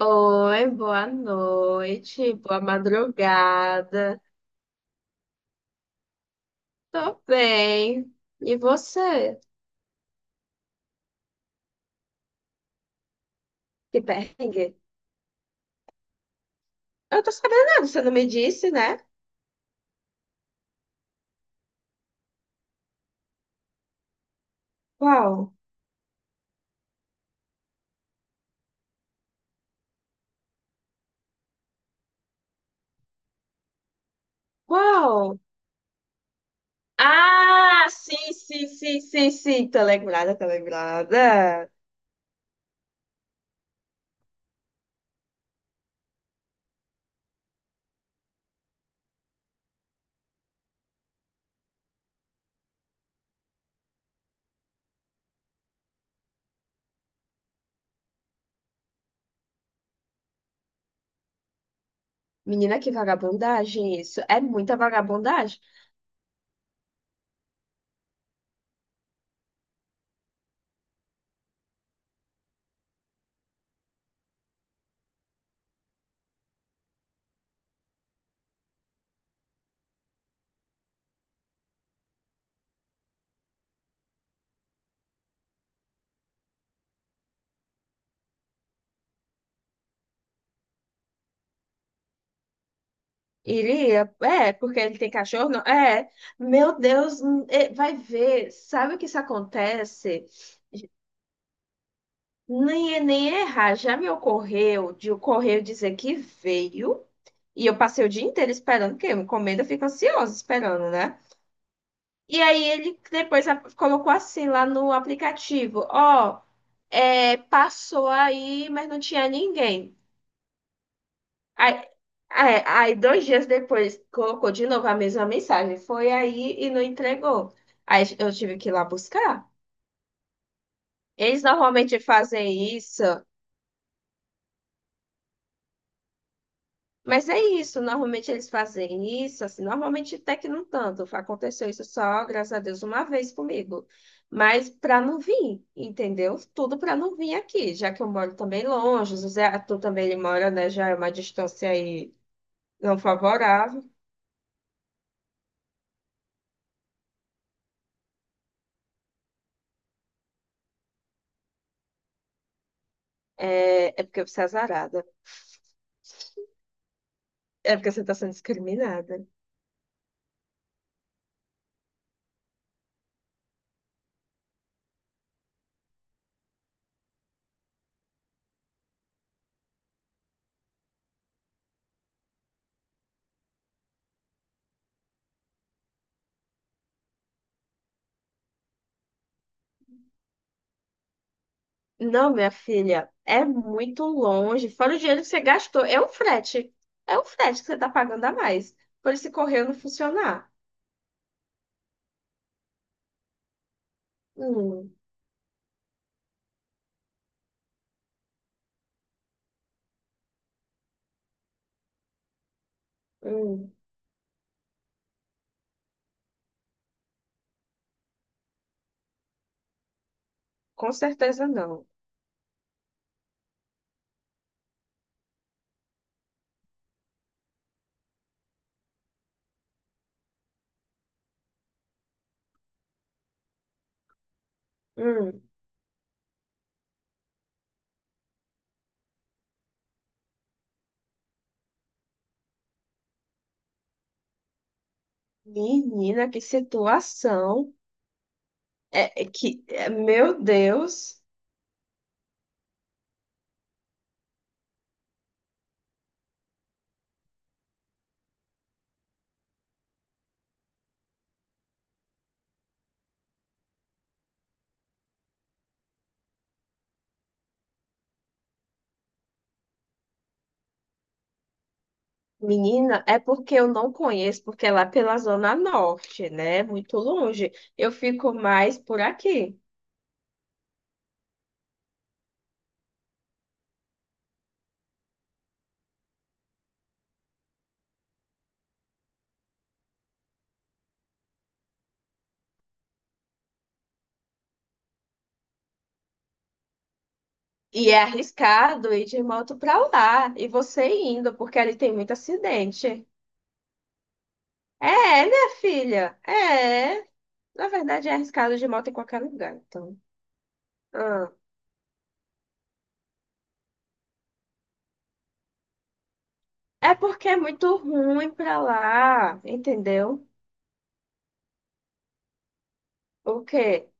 Oi, boa noite, boa madrugada. Tô bem. E você? Que perrengue? Eu tô sabendo nada, você não me disse, né? Qual? Qual? Ah, sim, sim, sim, sim, sim. Tô lembrada, tô lembrada. Menina, que vagabundagem isso. É muita vagabundagem. Iria, é, porque ele tem cachorro, não? É. Meu Deus, é, vai ver. Sabe o que isso acontece? Nem, é, nem é errar. Já me ocorreu de o correio dizer que veio e eu passei o dia inteiro esperando, porque eu encomenda, eu fico ansiosa esperando, né? E aí ele depois colocou assim lá no aplicativo: Ó, é, passou aí, mas não tinha ninguém. Aí, aí, dois dias depois colocou de novo a mesma mensagem: Foi aí e não entregou. Aí eu tive que ir lá buscar. Eles normalmente fazem isso. Mas é isso, normalmente eles fazem isso, assim, normalmente até que não tanto. Aconteceu isso só, graças a Deus, uma vez comigo. Mas para não vir, entendeu? Tudo para não vir aqui, já que eu moro também longe, o Zé Arthur também ele mora, né? Já é uma distância aí não favorável. É, é porque você é azarada. É porque você está sendo discriminada. Não, minha filha, é muito longe. Fora o dinheiro que você gastou, é o frete. É o frete que você está pagando a mais. Por esse correio não funcionar. Hum, hum, com certeza não. Hum. Menina, que situação. É, é que, é, meu Deus. Menina, é porque eu não conheço, porque é lá pela Zona Norte, né? Muito longe. Eu fico mais por aqui. E é arriscado ir de moto pra lá e você indo, porque ali tem muito acidente. É, minha filha, é. Na verdade, é arriscado de moto em qualquer lugar, então. Ah. É porque é muito ruim pra lá, entendeu? O quê?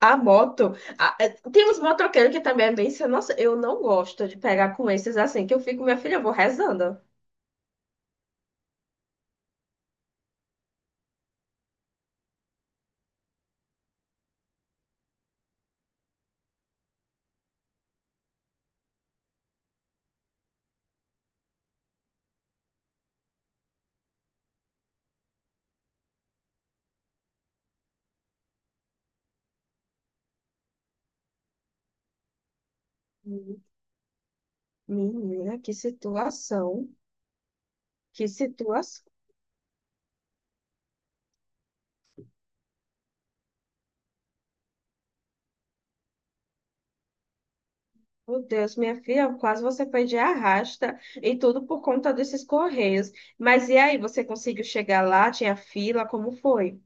A moto. É, tem uns motoqueiros que também é bem. Sem Nossa, eu não gosto de pegar com esses assim, que eu fico, minha filha, eu vou rezando. Hum. Menina, que situação. Que situação. Meu Deus, minha filha, quase você foi de arrasta e tudo por conta desses correios. Mas e aí, você conseguiu chegar lá? Tinha fila? Como foi?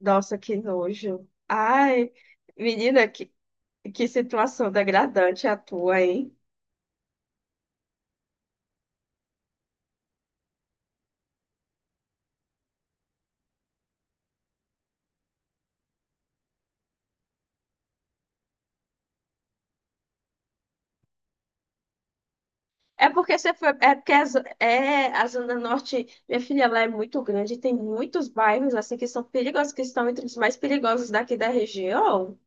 Nossa, que nojo. Ai, menina, que situação degradante a tua, hein? É porque você foi. É porque a, é, a Zona Norte, minha filha, ela é muito grande e tem muitos bairros assim que são perigosos, que estão entre os mais perigosos daqui da região.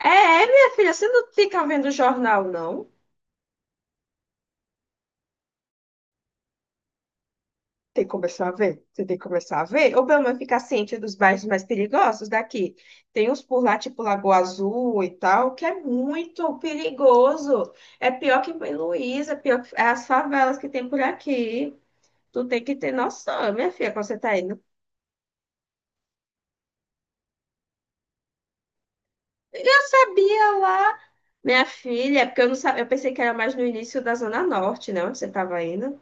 É, minha filha, você não fica vendo jornal, não? Tem que começar a ver. Você tem que começar a ver. Ou pelo menos ficar ciente dos bairros mais perigosos daqui. Tem uns por lá, tipo Lagoa Azul e tal, que é muito perigoso. É pior que em Luísa, é pior que é as favelas que tem por aqui. Tu tem que ter noção, minha filha, quando você tá indo. Eu sabia lá, minha filha, porque eu não sabia, eu pensei que era mais no início da Zona Norte, né? Onde você tava indo.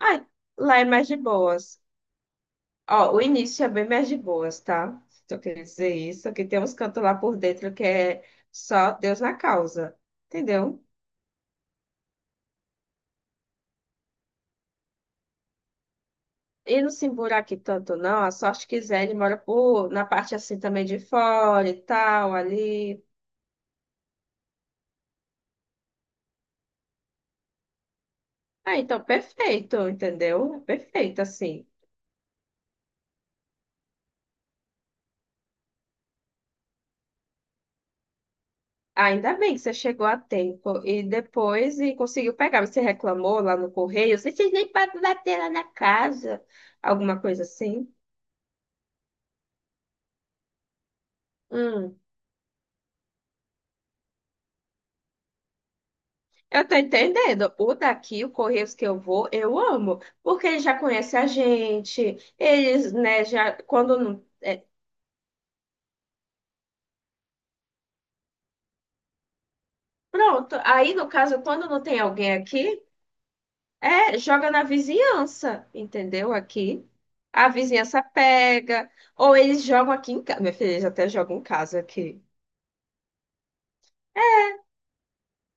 Ai, lá é mais de boas. Ó, o início é bem mais de boas, tá? Só queria dizer isso, que tem uns cantos lá por dentro que é só Deus na causa, entendeu? E não se embura aqui tanto, não. A sorte quiser, ele mora por, na parte assim também de fora e tal, ali. Ah, então perfeito, entendeu? Perfeito, assim. Ainda bem que você chegou a tempo e depois e conseguiu pegar. Você reclamou lá no correio, vocês nem podem bater lá na casa, alguma coisa assim. Hum. Eu tô entendendo. O daqui, o Correios que eu vou, eu amo, porque ele já conhece a gente, eles, né, já quando não... Pronto, aí no caso, quando não tem alguém aqui, é, joga na vizinhança, entendeu? Aqui. A vizinhança pega, ou eles jogam aqui em casa. Minha filha, eles até jogam em casa aqui.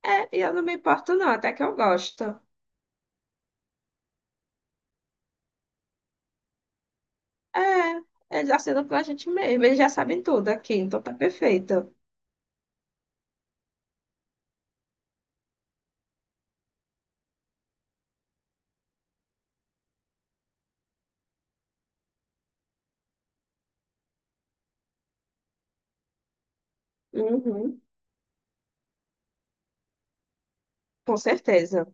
É, e eu não me importo não, até que eu gosto. É, eles assinam pra gente mesmo, eles já sabem tudo aqui, então tá perfeito. Uhum, com certeza.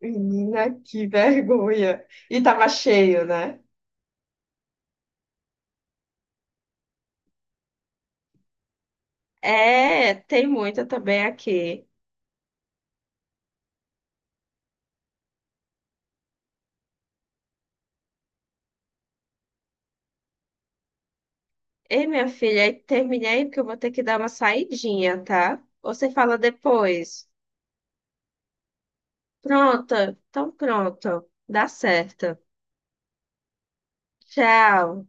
Menina, que vergonha. E tava cheio, né? É, tem muita também aqui. Ei, minha filha, aí terminei aí porque eu vou ter que dar uma saidinha, tá? Você fala depois. Pronto, então pronto. Dá certo. Tchau.